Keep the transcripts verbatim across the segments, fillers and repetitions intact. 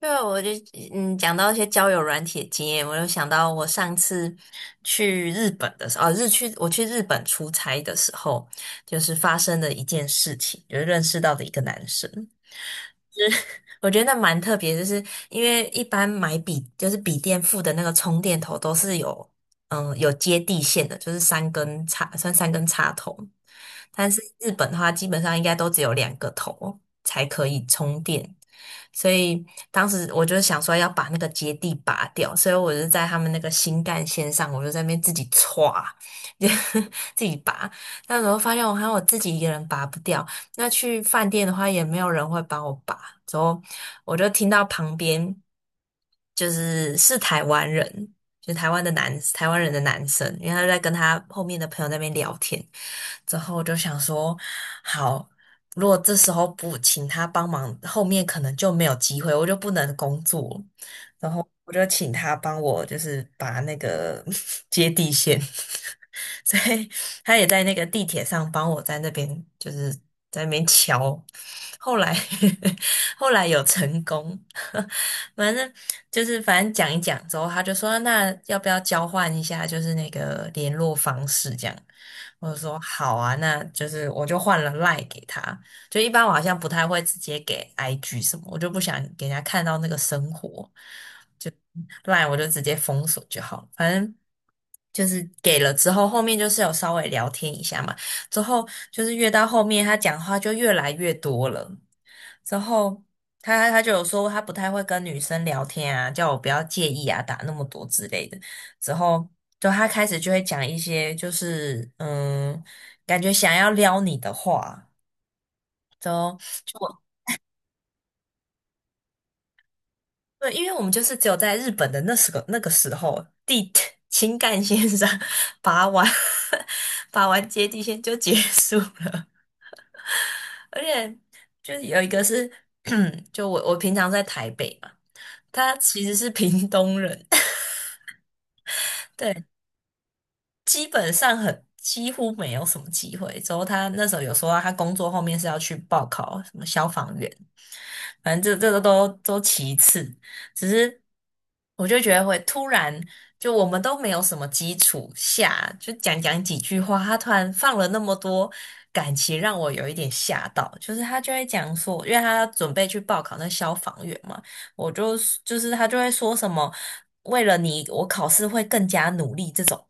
对啊，我就嗯讲到一些交友软体的经验，我又想到我上次去日本的时候，哦，日去我去日本出差的时候，就是发生的一件事情，就是认识到的一个男生。我觉得那蛮特别，就是因为一般买笔就是笔电附的那个充电头都是有嗯有接地线的，就是三根插算三根插头，但是日本的话基本上应该都只有两个头才可以充电，所以当时我就想说要把那个接地拔掉，所以我就在他们那个新干线上，我就在那边自己歘，就自己拔，那时候发现我还有我自己一个人拔不掉。那去饭店的话，也没有人会帮我拔，之后我就听到旁边就是是台湾人，就台湾的男台湾人的男生，因为他在跟他后面的朋友那边聊天，之后我就想说，好，如果这时候不请他帮忙，后面可能就没有机会，我就不能工作，然后我就请他帮我，就是把那个 接地线。所以他也在那个地铁上帮我在那边就是在那边敲。后来 后来有成功，反正就是反正讲一讲之后，他就说那要不要交换一下，就是那个联络方式这样。我就说好啊，那就是我就换了 LINE 给他，就一般我好像不太会直接给 I G 什么，我就不想给人家看到那个生活。l i 我就直接封锁就好了，反正。就是给了之后，后面就是有稍微聊天一下嘛。之后就是越到后面，他讲话就越来越多了。之后他他就有说他不太会跟女生聊天啊，叫我不要介意啊，打那么多之类的。之后就他开始就会讲一些就是嗯，感觉想要撩你的话。就后。对，因为我们就是只有在日本的那时个那个时候，地 情感线上拔完 拔完接 地线就结束了，而且就是有一个是，就我我平常在台北嘛，他其实是屏东人，对，基本上很几乎没有什么机会。之后他那时候有说到他工作后面是要去报考什么消防员，反正这这个都都其次，只是我就觉得会突然，就我们都没有什么基础下，就讲讲几句话，他突然放了那么多感情，让我有一点吓到。就是他就会讲说，因为他准备去报考那消防员嘛，我就就是他就会说什么，为了你，我考试会更加努力这种，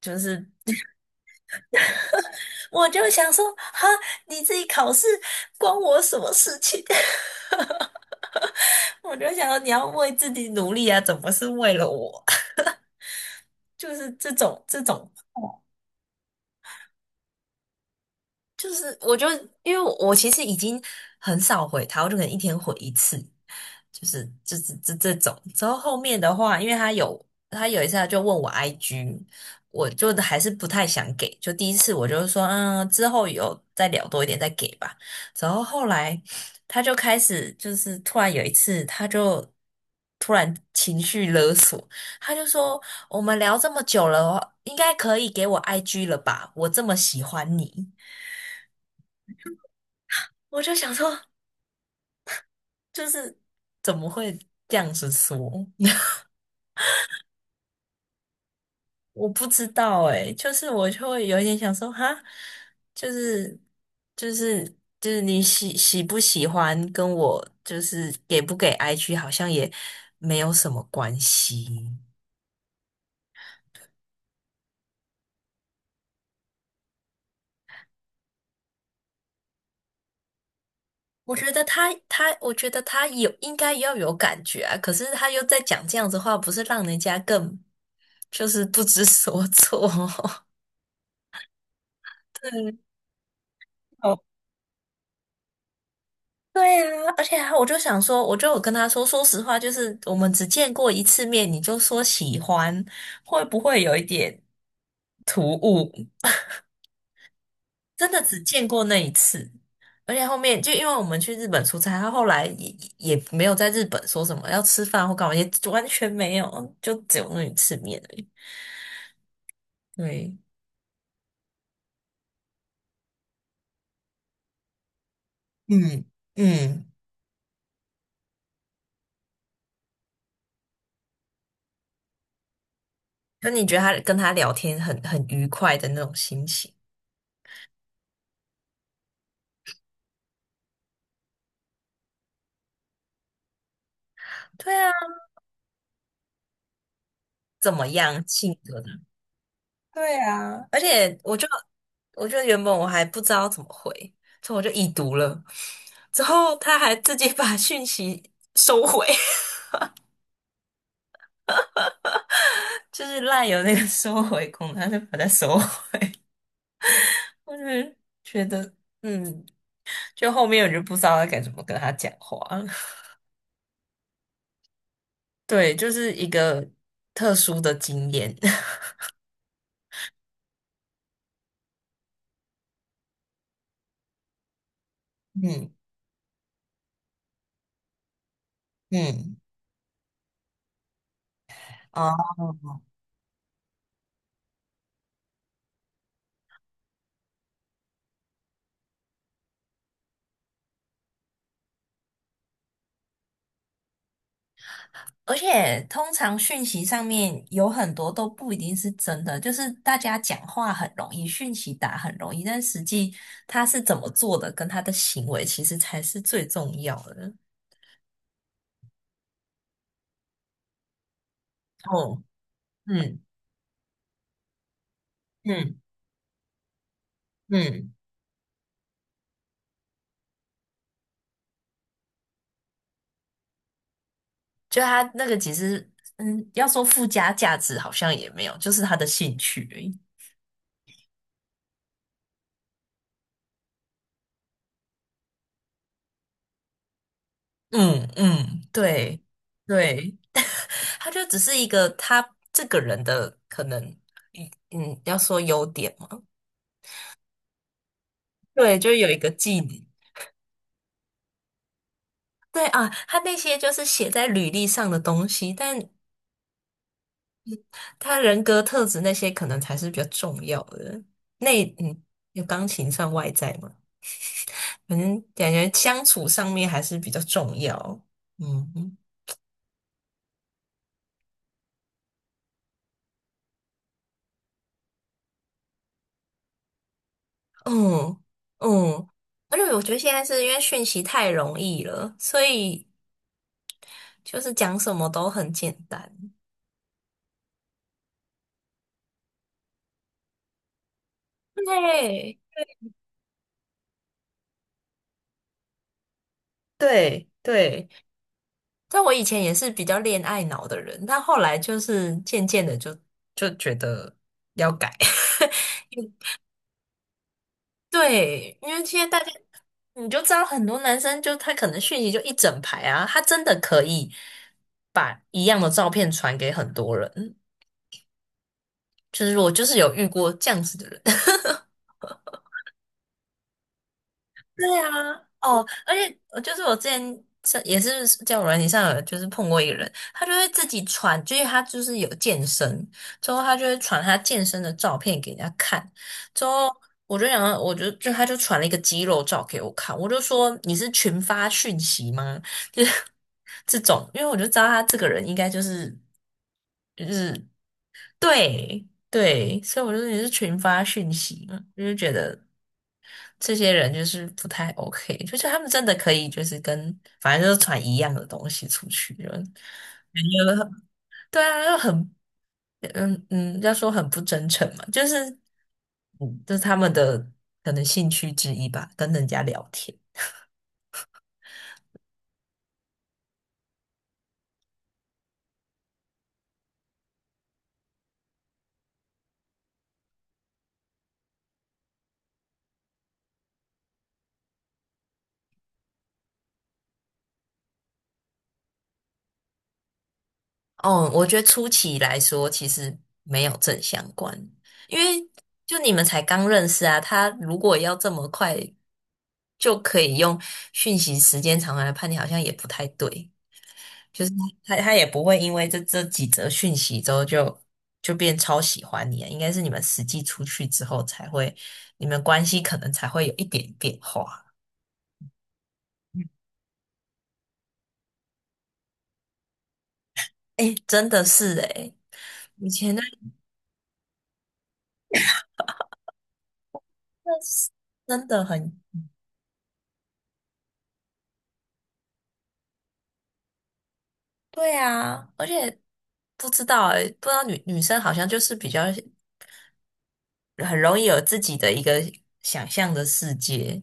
就是我就想说，哈，你自己考试关我什么事情？我就想说你要为自己努力啊，怎么是为了我？就是这种这种就是我就因为我其实已经很少回他，我就可能一天回一次，就是就是这这种。然后后面的话，因为他有他有一次他就问我 I G，我就还是不太想给。就第一次我就说，嗯，之后有再聊多一点再给吧。然后后来他就开始就是突然有一次他就。突然情绪勒索，他就说："我们聊这么久了，应该可以给我 I G 了吧？我这么喜欢你。"我就想说，就是怎么会这样子说？我不知道诶，就是我就会有一点想说，哈，就是就是就是你喜喜不喜欢，跟我就是给不给 I G 好像也没有什么关系。我觉得他他，我觉得他有应该要有感觉啊，可是他又在讲这样子话，不是让人家更就是不知所措？对，对啊，而且啊，我就想说，我就有跟他说，说实话，就是我们只见过一次面，你就说喜欢，会不会有一点突兀？真的只见过那一次，而且后面就因为我们去日本出差，他后来也也没有在日本说什么要吃饭或干嘛，也完全没有，就只有那一次面而已。对，嗯嗯，那你觉得他跟他聊天很很愉快的那种心情？对啊，怎么样性格的？对啊，而且我就我就原本我还不知道怎么回，所以我就已读了。之后他还自己 把讯息收回，就是赖有那个收回功能，他就把它收回。我就觉得，嗯，就后面我就不知道该怎么跟他讲话了。对，就是一个特殊的经验。嗯嗯，哦。而且通常讯息上面有很多都不一定是真的，就是大家讲话很容易，讯息打很容易，但实际他是怎么做的，跟他的行为其实才是最重要的。哦，嗯嗯嗯，就他那个其实，嗯，要说附加价值好像也没有，就是他的兴趣而已。嗯嗯，对对，他就只是一个他这个人的可能，嗯嗯，要说优点。对，就有一个技能。对啊，他那些就是写在履历上的东西，但他人格特质那些可能才是比较重要的。那嗯，有钢琴算外在吗？反正感觉相处上面还是比较重要。嗯嗯嗯，而且我觉得现在是因为讯息太容易了，所以就是讲什么都很简单。对对对。但我以前也是比较恋爱脑的人，但后来就是渐渐的就就觉得要改。对，因为现在大家你就知道，很多男生就他可能讯息就一整排啊，他真的可以把一样的照片传给很多人。就是我就是有遇过这样子的人。对啊，哦，而且我就是我之前是也是在友软件上有就是碰过一个人，他就会自己传，就是他就是有健身，之后他就会传他健身的照片给人家看，之后我就想到，我就就他就传了一个肌肉照给我看，我就说你是群发讯息吗？就是 这种，因为我就知道他这个人应该就是就是对对，所以我就说你是群发讯息嘛，我就觉得。这些人就是不太 OK，就是他们真的可以就是跟反正就是传一样的东西出去，就感觉很对啊，就很嗯嗯，要说很不真诚嘛，就是嗯，这是他们的可能兴趣之一吧，跟人家聊天。哦，我觉得初期来说其实没有正相关，因为就你们才刚认识啊，他如果要这么快就可以用讯息时间长来判定，好像也不太对。就是他他也不会因为这这几则讯息之后就就变超喜欢你啊，应该是你们实际出去之后才会，你们关系可能才会有一点变化。哎，真的是哎，以前的那是真的很对啊，而且不知道哎，不知道女女生好像就是比较很容易有自己的一个想象的世界。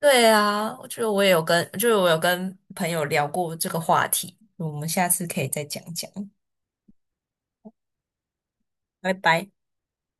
对啊，就我也有跟，就是我有跟朋友聊过这个话题，我们下次可以再讲讲，拜拜。